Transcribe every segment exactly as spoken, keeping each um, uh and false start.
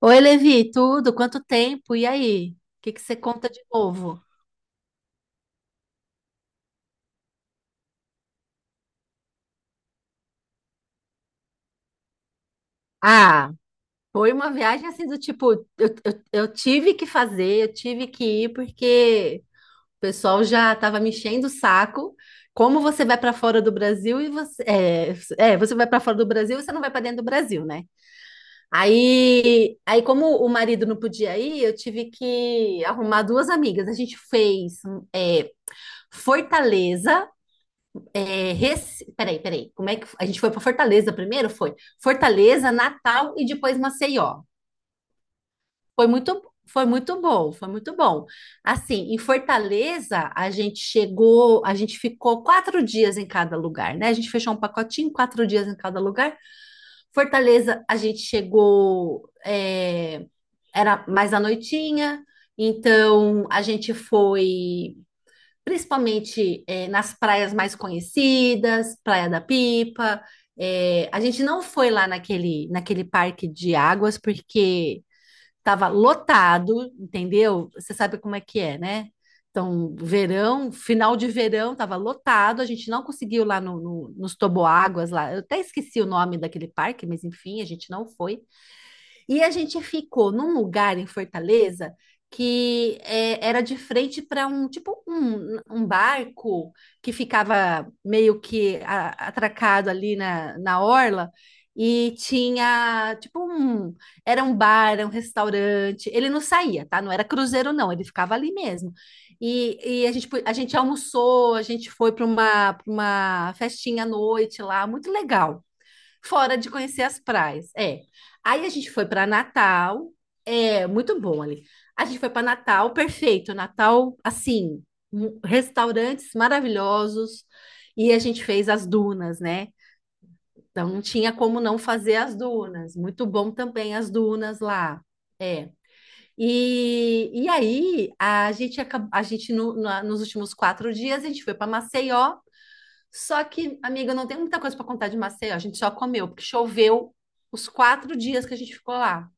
Oi, Levi, tudo? Quanto tempo? E aí? O que que você conta de novo? Ah, foi uma viagem assim do tipo, eu, eu, eu tive que fazer, eu tive que ir porque o pessoal já estava me enchendo o saco. Como você vai para fora do Brasil e você é, é, você vai para fora do Brasil e você não vai para dentro do Brasil, né? Aí, aí como o marido não podia ir, eu tive que arrumar duas amigas. A gente fez é, Fortaleza. É, Rec... Peraí, peraí. Como é que a gente foi para Fortaleza primeiro? Foi Fortaleza, Natal e depois Maceió. Foi muito, foi muito bom, foi muito bom. Assim, em Fortaleza a gente chegou, a gente ficou quatro dias em cada lugar, né? A gente fechou um pacotinho, quatro dias em cada lugar. Fortaleza a gente chegou, é, era mais à noitinha. Então a gente foi principalmente é, nas praias mais conhecidas, Praia da Pipa. É, a gente não foi lá naquele, naquele parque de águas porque estava lotado, entendeu? Você sabe como é que é, né? Então, verão, final de verão, estava lotado, a gente não conseguiu lá no, no, nos toboáguas lá. Eu até esqueci o nome daquele parque, mas enfim, a gente não foi. E a gente ficou num lugar em Fortaleza que é, era de frente para um tipo um, um barco que ficava meio que a- atracado ali na, na orla e tinha tipo um era um bar, era um restaurante. Ele não saía, tá? Não era cruzeiro não, ele ficava ali mesmo. E, e a gente, pu- a gente almoçou, a gente foi para uma, pra uma festinha à noite lá, muito legal. Fora de conhecer as praias, é. Aí a gente foi para Natal, é muito bom ali. A gente foi para Natal, perfeito. Natal, assim, um- restaurantes maravilhosos e a gente fez as dunas, né? Então não tinha como não fazer as dunas. Muito bom também as dunas lá. É. E, e aí a gente acabou, a gente no- na- nos últimos quatro dias a gente foi para Maceió, só que, amiga, não tem muita coisa para contar de Maceió, a gente só comeu, porque choveu os quatro dias que a gente ficou lá.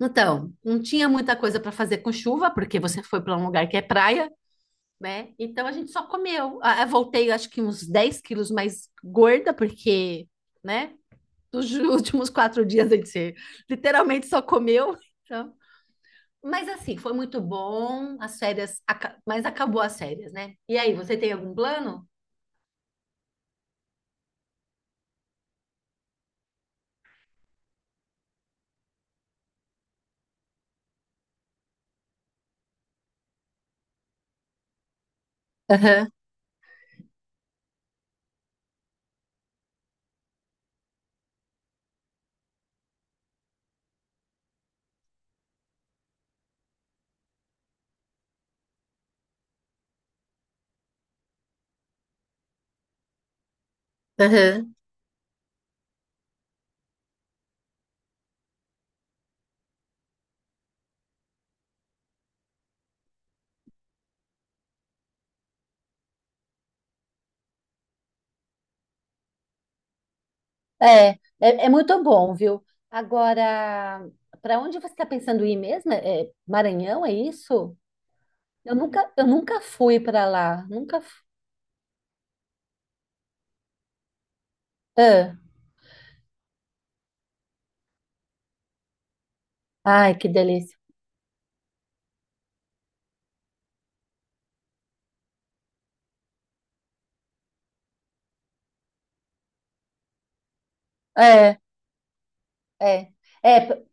Então, não tinha muita coisa para fazer com chuva, porque você foi para um lugar que é praia, né? Então a gente só comeu. Ah, eu voltei, acho que uns dez quilos mais gorda, porque, né? Nos últimos quatro dias a gente literalmente só comeu. Então. Mas assim, foi muito bom, as férias, aca- mas acabou as férias, né? E aí, você tem algum plano? Aham, aham. É, é, é muito bom, viu? Agora, para onde você está pensando em ir mesmo? É, é Maranhão, é isso? Eu nunca, eu nunca fui para lá, nunca. Fu- Ah, ai, que delícia. É, é, é p-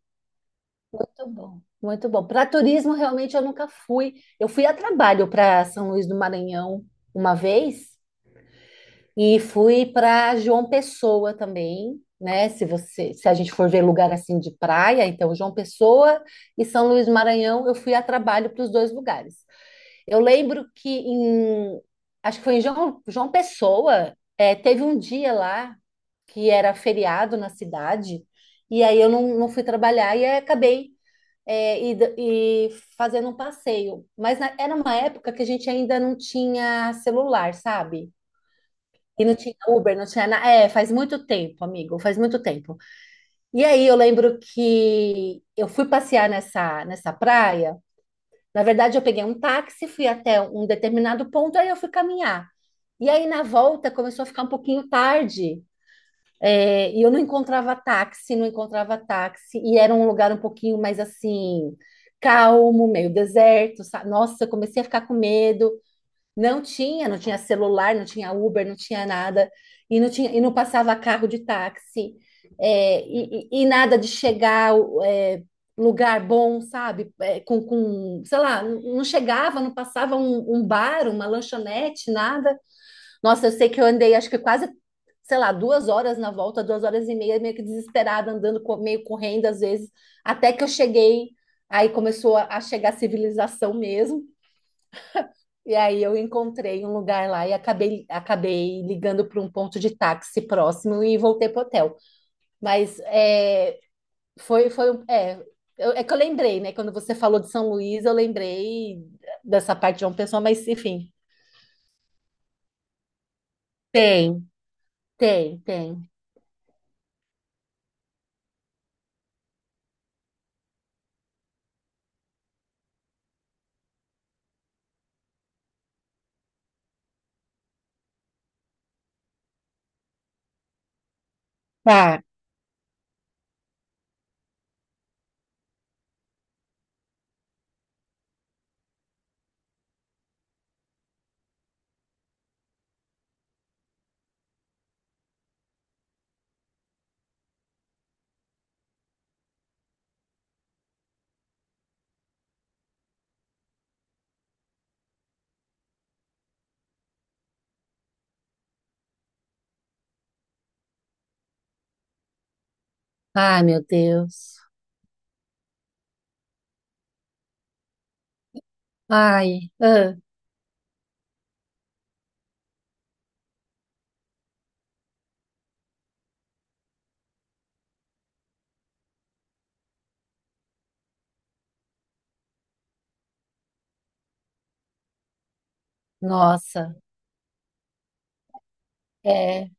muito bom, muito bom. Para turismo, realmente eu nunca fui. Eu fui a trabalho para São Luís do Maranhão uma vez. E fui para João Pessoa também, né? Se você, se a gente for ver lugar assim de praia, então João Pessoa e São Luís do Maranhão, eu fui a trabalho para os dois lugares. Eu lembro que em, acho que foi em João, João Pessoa, é, teve um dia lá que era feriado na cidade, e aí eu não, não fui trabalhar e aí acabei é, ida- e, fazendo um passeio. Mas na- era uma época que a gente ainda não tinha celular, sabe? E não tinha Uber, não tinha nada. É, faz muito tempo, amigo, faz muito tempo. E aí eu lembro que eu fui passear nessa, nessa praia. Na verdade, eu peguei um táxi, fui até um determinado ponto, aí eu fui caminhar. E aí na volta começou a ficar um pouquinho tarde. é, e eu não encontrava táxi, não encontrava táxi. E era um lugar um pouquinho mais assim, calmo, meio deserto. sa- Nossa, eu comecei a ficar com medo. Não tinha, não tinha celular, não tinha Uber, não tinha nada, e não tinha, e não passava carro de táxi, é, e, e- e nada de chegar é, lugar bom, sabe? É, com, com, sei lá, não chegava, não passava um, um bar, uma lanchonete, nada. Nossa, eu sei que eu andei, acho que quase, sei lá, duas horas na volta, duas horas e meia, meio que desesperada, andando, co- meio correndo às vezes, até que eu cheguei, aí começou a a chegar a civilização mesmo. E aí eu encontrei um lugar lá e acabei, acabei ligando para um ponto de táxi próximo e voltei pro hotel. Mas é, foi, foi, um- é, eu- é que eu lembrei, né? Quando você falou de São Luís, eu lembrei dessa parte de João Pessoa, mas enfim, tem, tem, tem. Tá. Ai, meu Deus. Ai, ah, nossa. É,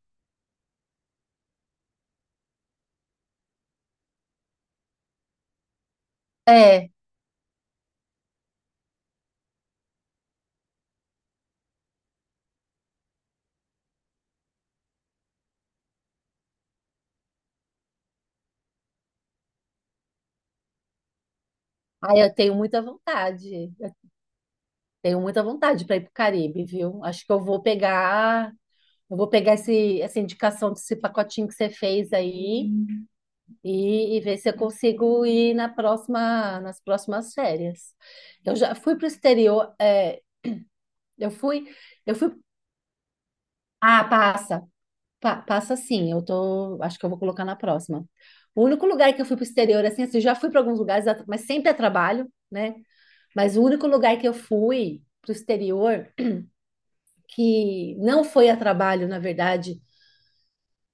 é. Ai, eu tenho muita vontade. Eu tenho muita vontade para ir pro Caribe, viu? Acho que eu vou pegar. Eu vou pegar esse, essa indicação desse pacotinho que você fez aí e, e ver se eu consigo ir na próxima, nas próximas férias. Eu já fui para o exterior, é, eu fui, eu fui. Ah, passa, Pa- passa sim. Eu tô, acho que eu vou colocar na próxima. O único lugar que eu fui para o exterior, assim, assim, eu já fui para alguns lugares, mas sempre a trabalho, né? Mas o único lugar que eu fui para o exterior que não foi a trabalho, na verdade,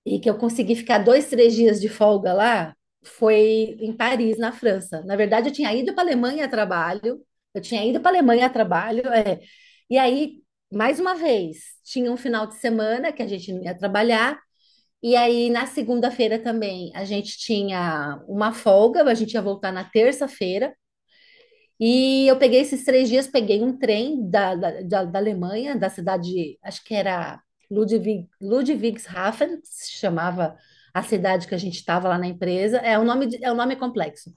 e que eu consegui ficar dois, três dias de folga lá, foi em Paris, na França. Na verdade, eu tinha ido para a Alemanha a trabalho, eu tinha ido para a Alemanha a trabalho, é. E aí, mais uma vez, tinha um final de semana que a gente não ia trabalhar, e aí na segunda-feira também a gente tinha uma folga, a gente ia voltar na terça-feira, e eu peguei esses três dias, peguei um trem da, da, da, da Alemanha, da cidade, acho que era Ludwig, Ludwigshafen, que se chamava a cidade que a gente estava lá na empresa. É um nome, de- é um nome complexo.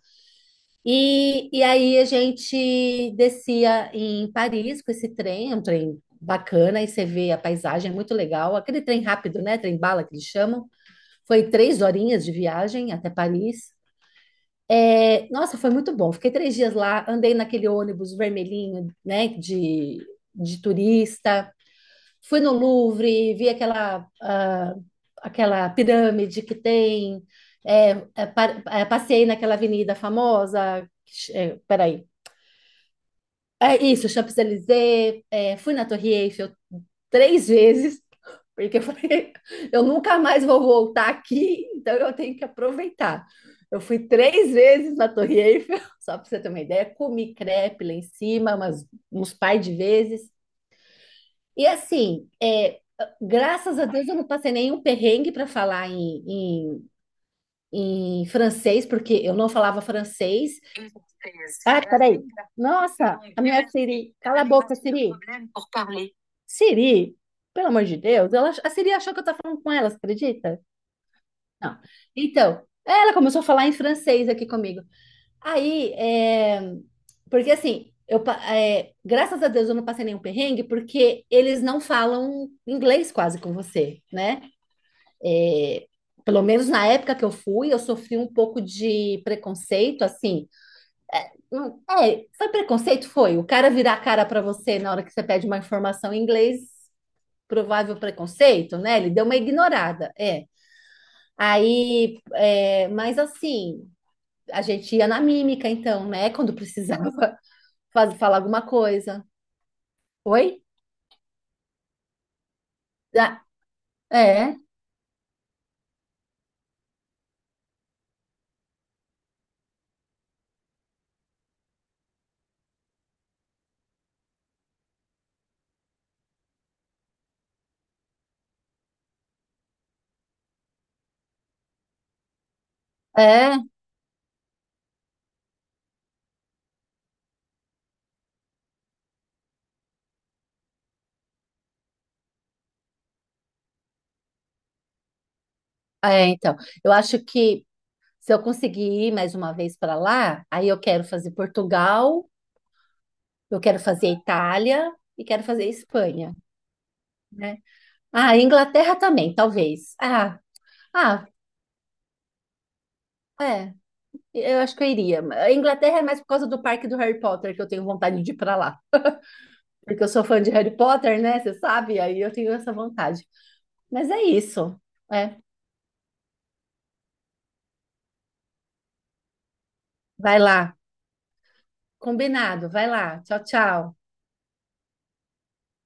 E, e aí a gente descia em Paris com esse trem, é um trem bacana, e você vê a paisagem, é muito legal. Aquele trem rápido, né? Trem bala que eles chamam. Foi três horinhas de viagem até Paris. É, nossa, foi muito bom. Fiquei três dias lá, andei naquele ônibus vermelhinho, né, de, de turista. Fui no Louvre, vi aquela, ah, aquela pirâmide que tem. É, é, pa- é, passei naquela avenida famosa. É, peraí. É isso, Champs-Élysées. é, fui na Torre Eiffel três vezes, porque eu falei, eu nunca mais vou voltar aqui, então eu tenho que aproveitar. Eu fui três vezes na Torre Eiffel, só para você ter uma ideia, comi crepe lá em cima, umas, uns par de vezes. E assim, é, graças a Deus eu não passei nenhum perrengue para falar em, em francês, porque eu não falava francês. Ah, peraí. Nossa, a minha Siri. Cala a boca, Siri. Siri, pelo amor de Deus, ela, a Siri achou que eu estava falando com ela, você acredita? Não. Então, ela começou a falar em francês aqui comigo. Aí, é, porque assim, eu, pa- é, graças a Deus eu não passei nenhum perrengue, porque eles não falam inglês quase com você, né? é, pelo menos na época que eu fui, eu sofri um pouco de preconceito, assim. Hum. É, foi preconceito? Foi. O cara virar a cara para você na hora que você pede uma informação em inglês, provável preconceito, né? Ele deu uma ignorada, é. Aí, é, mas assim, a gente ia na mímica, então, né? Quando precisava fazer, falar alguma coisa. Oi? Ah, é, é, é, então. Eu acho que Se eu conseguir ir mais uma vez para lá, aí eu quero fazer Portugal, eu quero fazer Itália e quero fazer Espanha, né? Ah, Inglaterra também, talvez. Ah, ah, é. Eu acho que eu iria. A Inglaterra é mais por causa do parque do Harry Potter que eu tenho vontade de ir para lá. Porque eu sou fã de Harry Potter, né? Você sabe? Aí eu tenho essa vontade. Mas é isso. É. Vai lá. Combinado. Vai lá. Tchau, tchau.